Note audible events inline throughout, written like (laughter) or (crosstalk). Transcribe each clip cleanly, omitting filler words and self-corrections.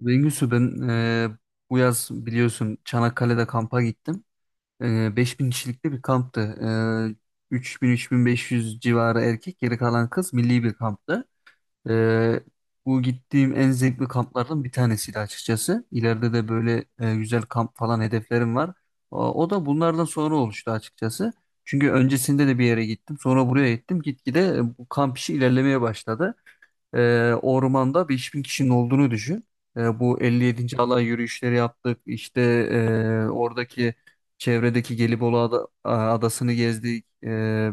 Bengüsü, ben bu yaz biliyorsun Çanakkale'de kampa gittim. 5.000 kişilikli bir kamptı. 3.000-3.500 civarı erkek, geri kalan kız milli bir kamptı. E, Bu gittiğim en zevkli kamplardan bir tanesiydi açıkçası. İleride de böyle güzel kamp falan hedeflerim var. O da bunlardan sonra oluştu açıkçası. Çünkü öncesinde de bir yere gittim, sonra buraya gittim. Gitgide bu kamp işi ilerlemeye başladı, ormanda 5.000 kişinin olduğunu düşün. Bu 57. alay yürüyüşleri yaptık. İşte oradaki, çevredeki Gelibolu adasını gezdik.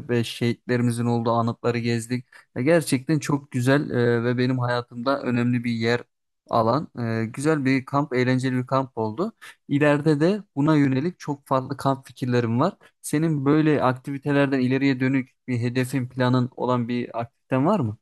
Ve şehitlerimizin olduğu anıtları gezdik. Gerçekten çok güzel ve benim hayatımda önemli bir yer alan güzel bir kamp, eğlenceli bir kamp oldu. İleride de buna yönelik çok farklı kamp fikirlerim var. Senin böyle aktivitelerden ileriye dönük bir hedefin, planın olan bir aktiviten var mı?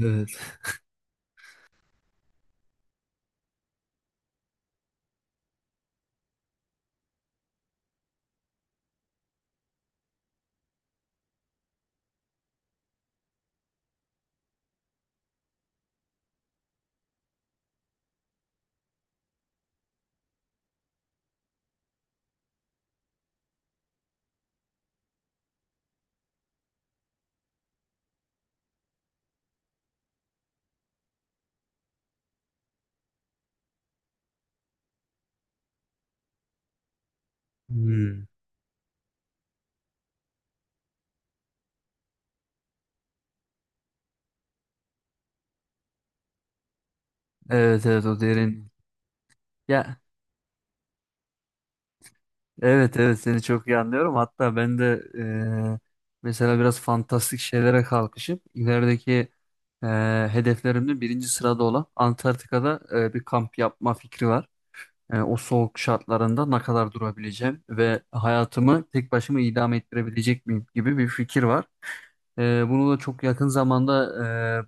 Evet. Hmm. Evet, evet, o derin. Ya, evet evet, seni çok iyi anlıyorum. Hatta ben de mesela biraz fantastik şeylere kalkışıp ilerideki hedeflerimde birinci sırada olan Antarktika'da bir kamp yapma fikri var. Yani o soğuk şartlarında ne kadar durabileceğim ve hayatımı tek başıma idame ettirebilecek miyim gibi bir fikir var. Bunu da çok yakın zamanda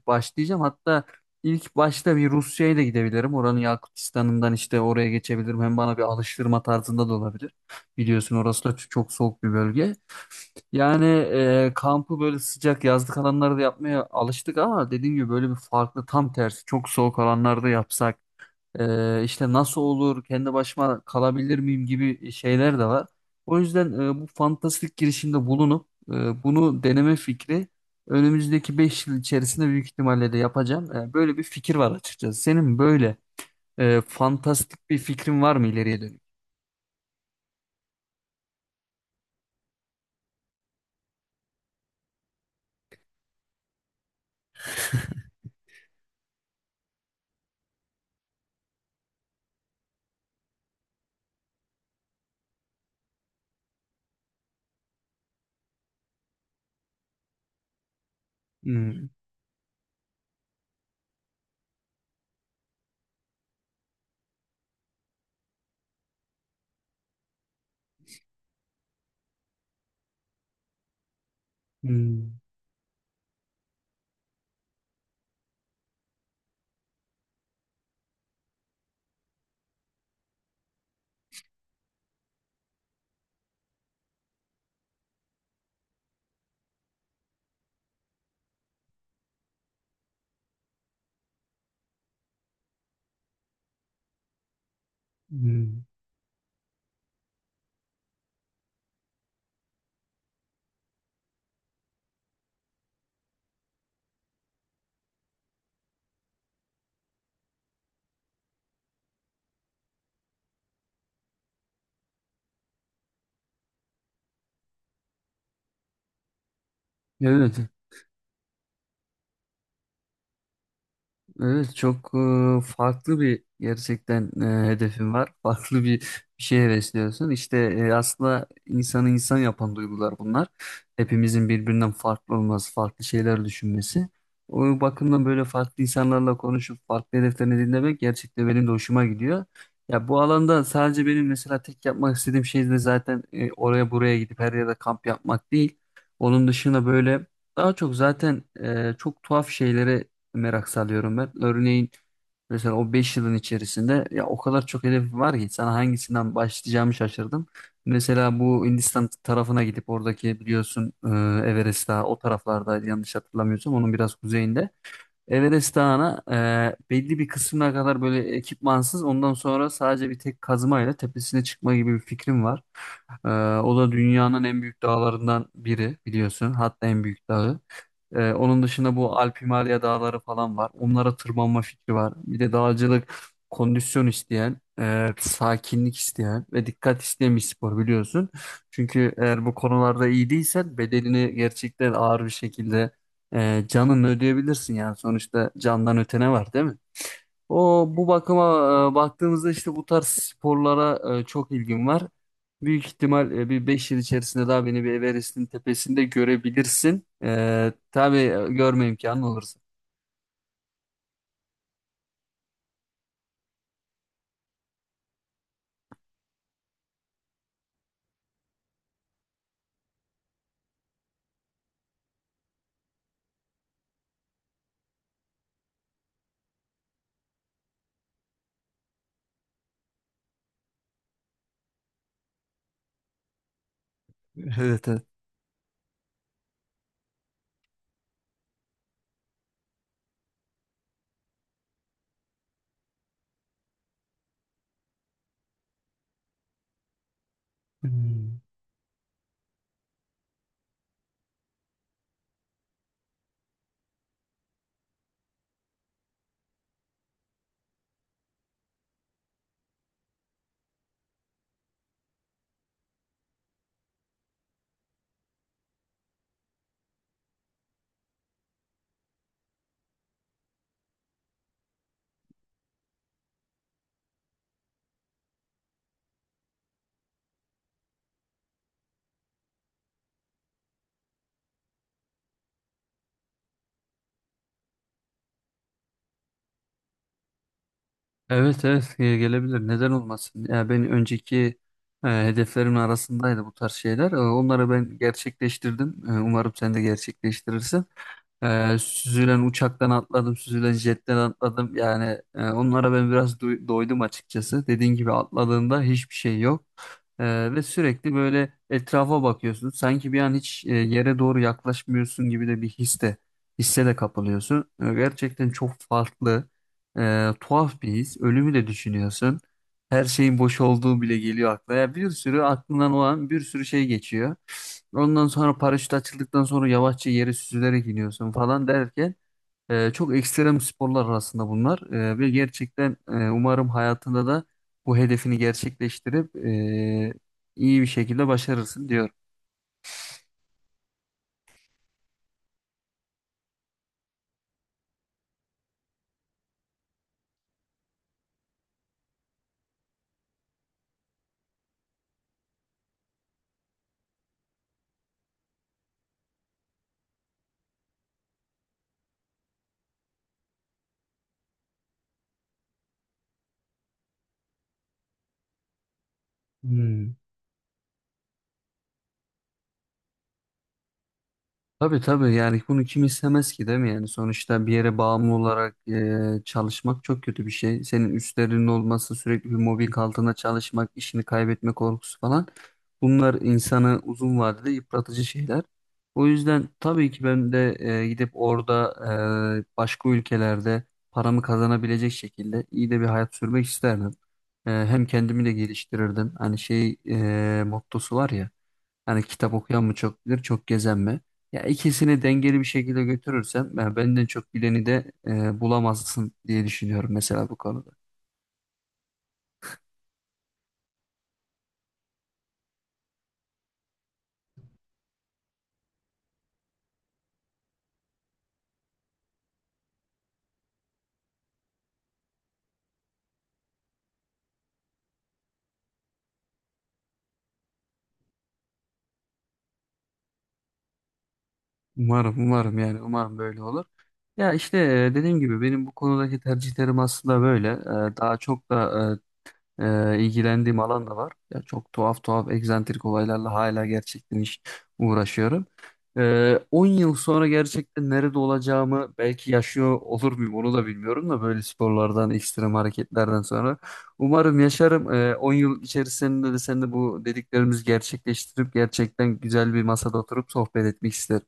başlayacağım. Hatta ilk başta bir Rusya'ya da gidebilirim. Oranın Yakutistan'ından işte oraya geçebilirim. Hem bana bir alıştırma tarzında da olabilir. Biliyorsun orası da çok soğuk bir bölge. Yani kampı böyle sıcak yazlık alanlarda yapmaya alıştık ama dediğim gibi böyle bir farklı, tam tersi çok soğuk alanlarda yapsak. İşte nasıl olur, kendi başıma kalabilir miyim gibi şeyler de var. O yüzden bu fantastik girişimde bulunup bunu deneme fikri önümüzdeki 5 yıl içerisinde büyük ihtimalle de yapacağım. Böyle bir fikir var açıkçası. Senin böyle fantastik bir fikrin var mı ileriye dönük? Hmm, hmm, hmm. Evet. Evet, çok farklı bir, gerçekten hedefin var. (laughs) Bir şey hevesliyorsun. İşte aslında insanı insan yapan duygular bunlar. Hepimizin birbirinden farklı olması, farklı şeyler düşünmesi. O bakımdan böyle farklı insanlarla konuşup farklı hedeflerini dinlemek gerçekten benim de hoşuma gidiyor. Ya, bu alanda sadece benim mesela tek yapmak istediğim şey de zaten oraya buraya gidip her yerde kamp yapmak değil. Onun dışında böyle daha çok zaten çok tuhaf şeylere merak salıyorum ben. Örneğin mesela o 5 yılın içerisinde ya o kadar çok hedef var ki sana hangisinden başlayacağımı şaşırdım. Mesela bu Hindistan tarafına gidip oradaki, biliyorsun Everest Dağı o taraflarda, yanlış hatırlamıyorsam onun biraz kuzeyinde. Everest Dağı'na belli bir kısmına kadar böyle ekipmansız, ondan sonra sadece bir tek kazmayla tepesine çıkma gibi bir fikrim var. E, O da dünyanın en büyük dağlarından biri, biliyorsun, hatta en büyük dağı. Onun dışında bu Alp Himalaya dağları falan var. Onlara tırmanma fikri var. Bir de dağcılık kondisyon isteyen, sakinlik isteyen ve dikkat isteyen bir spor, biliyorsun. Çünkü eğer bu konularda iyi değilsen bedelini gerçekten ağır bir şekilde canınla ödeyebilirsin yani. Sonuçta candan ötene var, değil mi? O bu bakıma baktığımızda işte bu tarz sporlara çok ilgim var. Büyük ihtimal bir 5 yıl içerisinde daha beni bir Everest'in tepesinde görebilirsin. Tabii görme imkanı olursa. Evet, evet. Hmm. Evet evet, gelebilir. Neden olmasın? Ya, ben önceki hedeflerimin arasındaydı bu tarz şeyler. Onları ben gerçekleştirdim. Umarım sen de gerçekleştirirsin. Süzülen uçaktan atladım, süzülen jetten atladım. Yani onlara ben biraz doydum açıkçası. Dediğin gibi atladığında hiçbir şey yok. Ve sürekli böyle etrafa bakıyorsun. Sanki bir an hiç yere doğru yaklaşmıyorsun gibi de hisse de kapılıyorsun. Gerçekten çok farklı, tuhaf bir his. Ölümü de düşünüyorsun. Her şeyin boş olduğu bile geliyor aklına. Ya, bir sürü aklından olan bir sürü şey geçiyor. Ondan sonra paraşüt açıldıktan sonra yavaşça yere süzülerek iniyorsun falan derken çok ekstrem sporlar arasında bunlar. Ve gerçekten umarım hayatında da bu hedefini gerçekleştirip iyi bir şekilde başarırsın diyorum. Hmm. Tabii, tabii, yani bunu kim istemez ki, değil mi? Yani sonuçta bir yere bağımlı olarak çalışmak çok kötü bir şey. Senin üstlerinin olması, sürekli bir mobbing altında çalışmak, işini kaybetme korkusu falan, bunlar insanı uzun vadede yıpratıcı şeyler. O yüzden tabii ki ben de gidip orada başka ülkelerde paramı kazanabilecek şekilde iyi de bir hayat sürmek isterdim. Hem kendimi de geliştirirdim, hani şey mottosu var ya. Hani kitap okuyan mı çok bilir, çok gezen mi? Ya, ikisini dengeli bir şekilde götürürsem ben, benden çok bileni de bulamazsın diye düşünüyorum mesela bu konuda. Umarım, umarım, yani umarım böyle olur. Ya işte dediğim gibi benim bu konudaki tercihlerim aslında böyle. Daha çok da ilgilendiğim alan da var. Ya, çok tuhaf tuhaf egzantrik olaylarla hala gerçekten uğraşıyorum. 10 yıl sonra gerçekten nerede olacağımı, belki yaşıyor olur muyum onu da bilmiyorum da, böyle sporlardan, ekstrem hareketlerden sonra. Umarım yaşarım. 10 yıl içerisinde de sen de bu dediklerimizi gerçekleştirip gerçekten güzel bir masada oturup sohbet etmek isterim.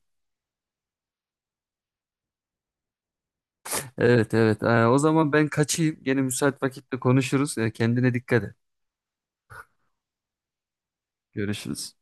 Evet, evet. O zaman ben kaçayım. Gene müsait vakitte konuşuruz. Kendine dikkat et. Görüşürüz.